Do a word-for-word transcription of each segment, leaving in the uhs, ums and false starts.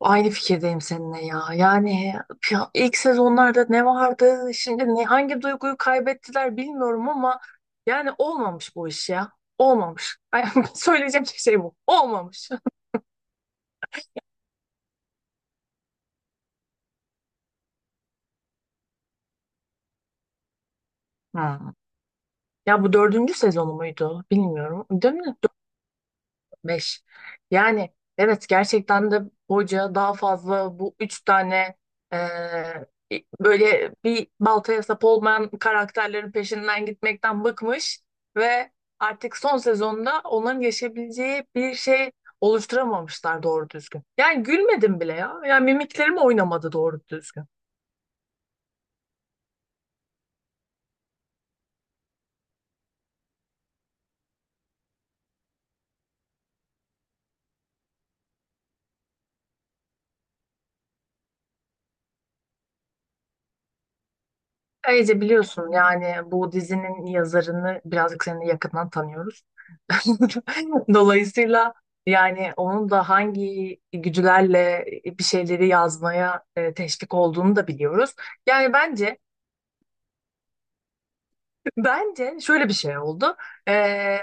Aynı fikirdeyim seninle ya. Yani ya ilk sezonlarda ne vardı? Şimdi ne, hangi duyguyu kaybettiler bilmiyorum ama yani olmamış bu iş ya. Olmamış. Ay, söyleyeceğim tek şey bu. Olmamış. Hmm. Ya bu dördüncü sezonu muydu? Bilmiyorum. Değil mi? Beş. Yani evet gerçekten de hoca daha fazla bu üç tane e, böyle bir baltaya sap olmayan karakterlerin peşinden gitmekten bıkmış ve artık son sezonda onların yaşayabileceği bir şey oluşturamamışlar doğru düzgün. Yani gülmedim bile ya. Yani mimiklerim oynamadı doğru düzgün. Ayrıca biliyorsun yani bu dizinin yazarını birazcık seninle yakından tanıyoruz. Dolayısıyla yani onun da hangi gücülerle bir şeyleri yazmaya e, teşvik olduğunu da biliyoruz. Yani bence Bence şöyle bir şey oldu. Ee,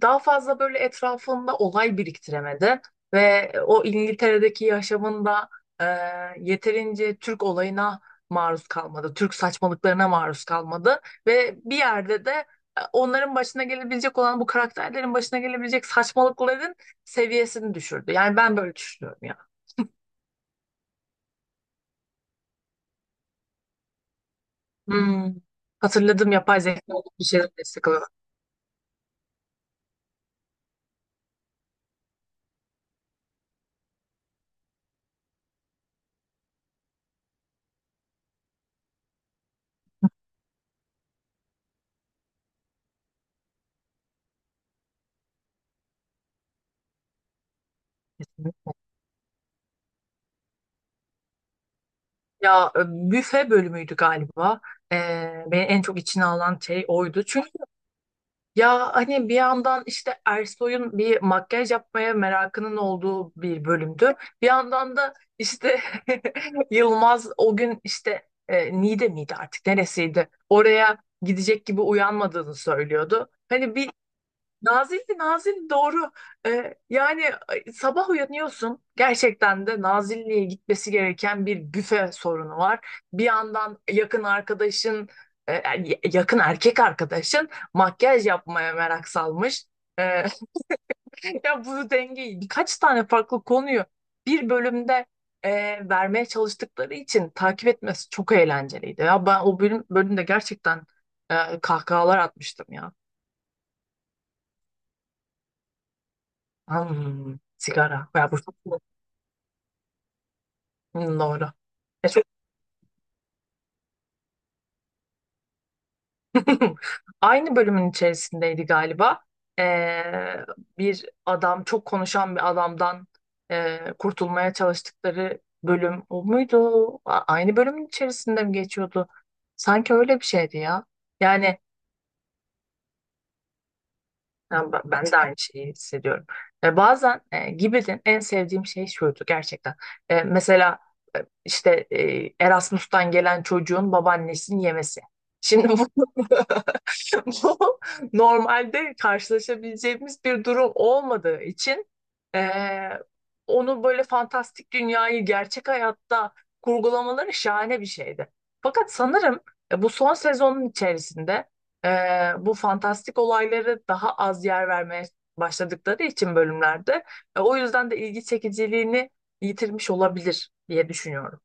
Daha fazla böyle etrafında olay biriktiremedi ve o İngiltere'deki yaşamında e, yeterince Türk olayına maruz kalmadı. Türk saçmalıklarına maruz kalmadı ve bir yerde de e, onların başına gelebilecek olan bu karakterlerin başına gelebilecek saçmalıkların seviyesini düşürdü. Yani ben böyle düşünüyorum ya. Hmm, hatırladım, yapay zeka bir şeyler destek alıyor. Ya e, büfe bölümüydü galiba. Ee, beni en çok içine alan şey oydu. Çünkü ya hani bir yandan işte Ersoy'un bir makyaj yapmaya merakının olduğu bir bölümdü. Bir yandan da işte Yılmaz o gün işte e, Niğde miydi artık neresiydi? Oraya gidecek gibi uyanmadığını söylüyordu. Hani bir Nazilli, Nazilli doğru. Ee, yani ay, sabah uyanıyorsun. Gerçekten de Nazilli'ye gitmesi gereken bir büfe sorunu var. Bir yandan yakın arkadaşın, e, e, y- yakın erkek arkadaşın makyaj yapmaya merak salmış. Ee, Ya bu dengeyi birkaç tane farklı konuyu bir bölümde e, vermeye çalıştıkları için takip etmesi çok eğlenceliydi. Ya ben o bölüm bölümde gerçekten e, kahkahalar atmıştım ya. Hmm, sigara. Ya bu çok. Hmm, doğru. Ya çok- aynı bölümün içerisindeydi galiba. Ee, Bir adam, çok konuşan bir adamdan e, kurtulmaya çalıştıkları bölüm o muydu? A- aynı bölümün içerisinde mi geçiyordu? Sanki öyle bir şeydi ya. Yani ben ben de aynı şeyi hissediyorum. E, bazen e, Gibbet'in en sevdiğim şey şuydu gerçekten. E, mesela e, işte e, Erasmus'tan gelen çocuğun babaannesini yemesi. Şimdi bu bu normalde karşılaşabileceğimiz bir durum olmadığı için eee, onu böyle fantastik dünyayı gerçek hayatta kurgulamaları şahane bir şeydi. Fakat sanırım e, bu son sezonun içerisinde eee, bu fantastik olayları daha az yer vermeye başladıkları için bölümlerde e, o yüzden de ilgi çekiciliğini yitirmiş olabilir diye düşünüyorum.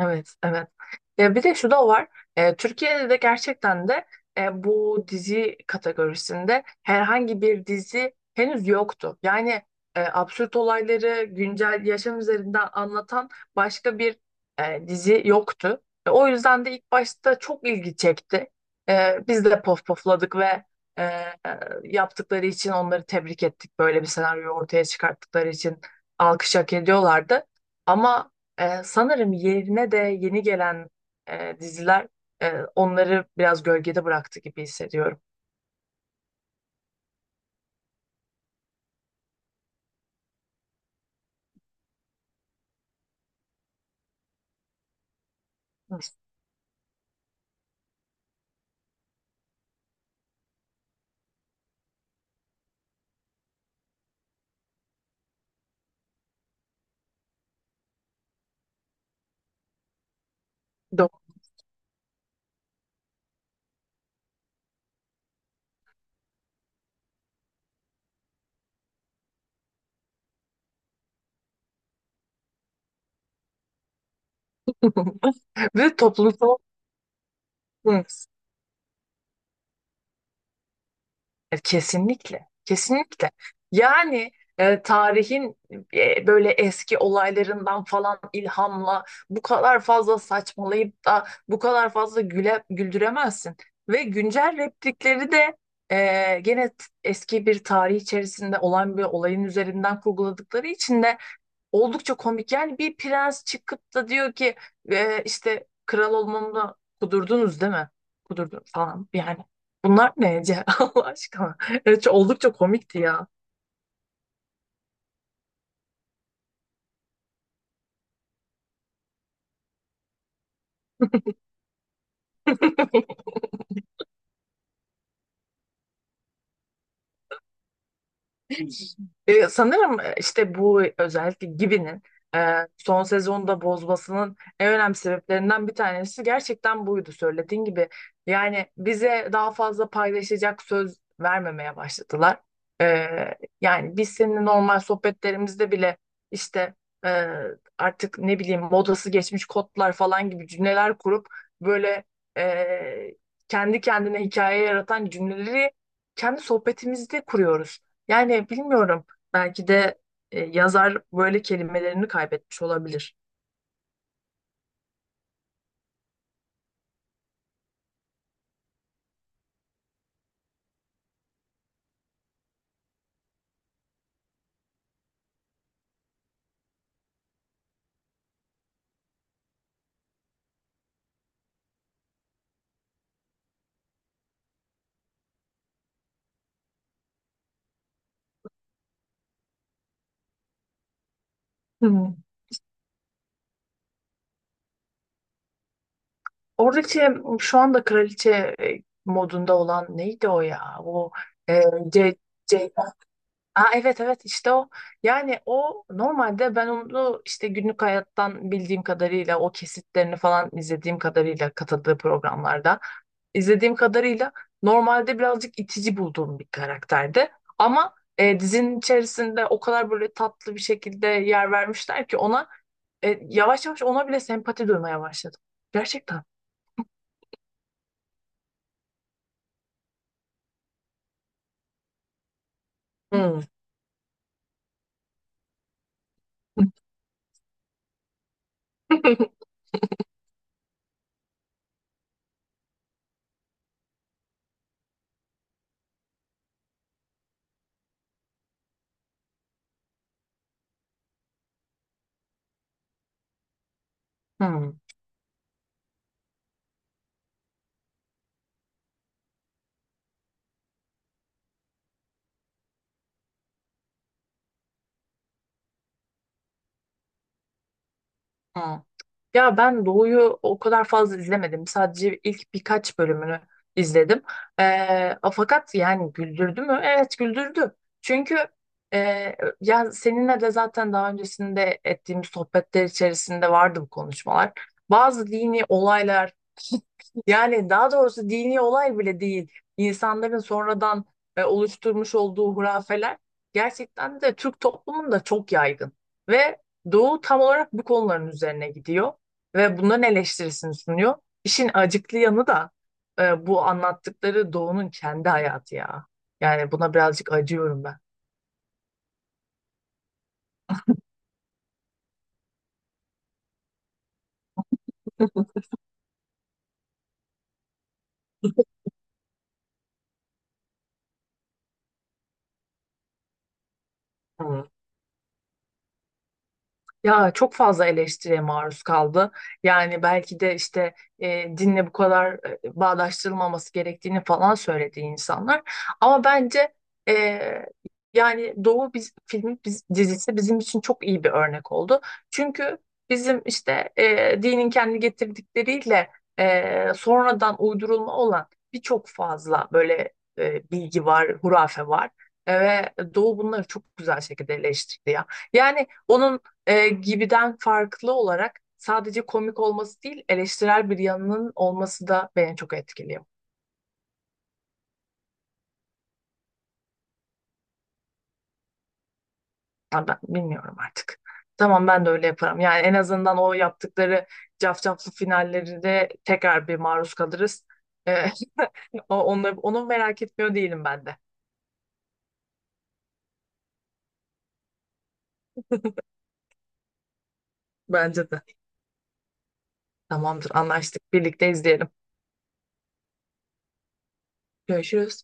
Evet, evet. E, bir de şu da var. E, Türkiye'de de gerçekten de e, bu dizi kategorisinde herhangi bir dizi henüz yoktu. Yani e, absürt olayları güncel yaşam üzerinden anlatan başka bir e, dizi yoktu. E, o yüzden de ilk başta çok ilgi çekti. E, biz de pof pofladık ve e, e, yaptıkları için onları tebrik ettik. Böyle bir senaryo ortaya çıkarttıkları için alkış hak ediyorlardı. Ama ee, sanırım yerine de yeni gelen e, diziler e, onları biraz gölgede bıraktı gibi hissediyorum. Hı. Doğru. Ve toplumsal. Hı. E, kesinlikle, kesinlikle. Yani e, tarihin e, böyle eski olaylarından falan ilhamla bu kadar fazla saçmalayıp da bu kadar fazla güle, güldüremezsin. Ve güncel replikleri de e, gene t- eski bir tarih içerisinde olan bir olayın üzerinden kurguladıkları için de oldukça komik. Yani bir prens çıkıp da diyor ki "E, işte kral olmamı kudurdunuz değil mi? Kudurdum falan yani. Bunlar ne Ece? Allah aşkına. Evet, çok- oldukça komikti ya. E, sanırım e, işte bu özellikle Gibi'nin e, son sezonda bozmasının en önemli sebeplerinden bir tanesi gerçekten buydu söylediğin gibi. Yani bize daha fazla paylaşacak söz vermemeye başladılar. E, yani biz seninle normal sohbetlerimizde bile işte e, artık ne bileyim modası geçmiş kodlar falan gibi cümleler kurup böyle e, kendi kendine hikaye yaratan cümleleri kendi sohbetimizde kuruyoruz. Yani bilmiyorum. Belki de e, yazar böyle kelimelerini kaybetmiş olabilir. Hmm. Oradaki şu anda kraliçe e, modunda olan neydi o ya? O e, C, C. Aa, evet evet işte o. Yani o normalde ben onu işte günlük hayattan bildiğim kadarıyla o kesitlerini falan izlediğim kadarıyla katıldığı programlarda izlediğim kadarıyla normalde birazcık itici bulduğum bir karakterdi. Ama e, dizinin içerisinde o kadar böyle tatlı bir şekilde yer vermişler ki ona e, yavaş yavaş ona bile sempati duymaya başladım. Gerçekten. Hmm. Hmm. Hmm. Ya ben Doğu'yu o kadar fazla izlemedim. Sadece ilk birkaç bölümünü izledim. Ee, fakat yani güldürdü mü? Evet güldürdü. Çünkü e, ya seninle de zaten daha öncesinde ettiğimiz sohbetler içerisinde vardı bu konuşmalar. Bazı dini olaylar yani daha doğrusu dini olay bile değil. İnsanların sonradan e, oluşturmuş olduğu hurafeler gerçekten de Türk toplumunda çok yaygın. Ve Doğu tam olarak bu konuların üzerine gidiyor ve bunların eleştirisini sunuyor. İşin acıklı yanı da e, bu anlattıkları Doğu'nun kendi hayatı ya. Yani buna birazcık acıyorum ben. Ya çok fazla eleştiriye maruz kaldı. Yani belki de işte e, dinle bu kadar e, bağdaştırılmaması gerektiğini falan söyledi insanlar. Ama bence e, yani Doğu biz, filmi biz, dizisi bizim için çok iyi bir örnek oldu. Çünkü bizim işte e, dinin kendi getirdikleriyle e, sonradan uydurulma olan birçok fazla böyle e, bilgi var, hurafe var. E, Ve Doğu bunları çok güzel şekilde eleştirdi ya. Yani onun e, gibiden farklı olarak sadece komik olması değil eleştirel bir yanının olması da beni çok etkiliyor. Ya ben bilmiyorum artık. Tamam ben de öyle yaparım. Yani en azından o yaptıkları cafcaflı finallerinde tekrar bir maruz kalırız. E, o- onu, onu merak etmiyor değilim ben de. Bence de. Tamamdır anlaştık. Birlikte izleyelim. Görüşürüz.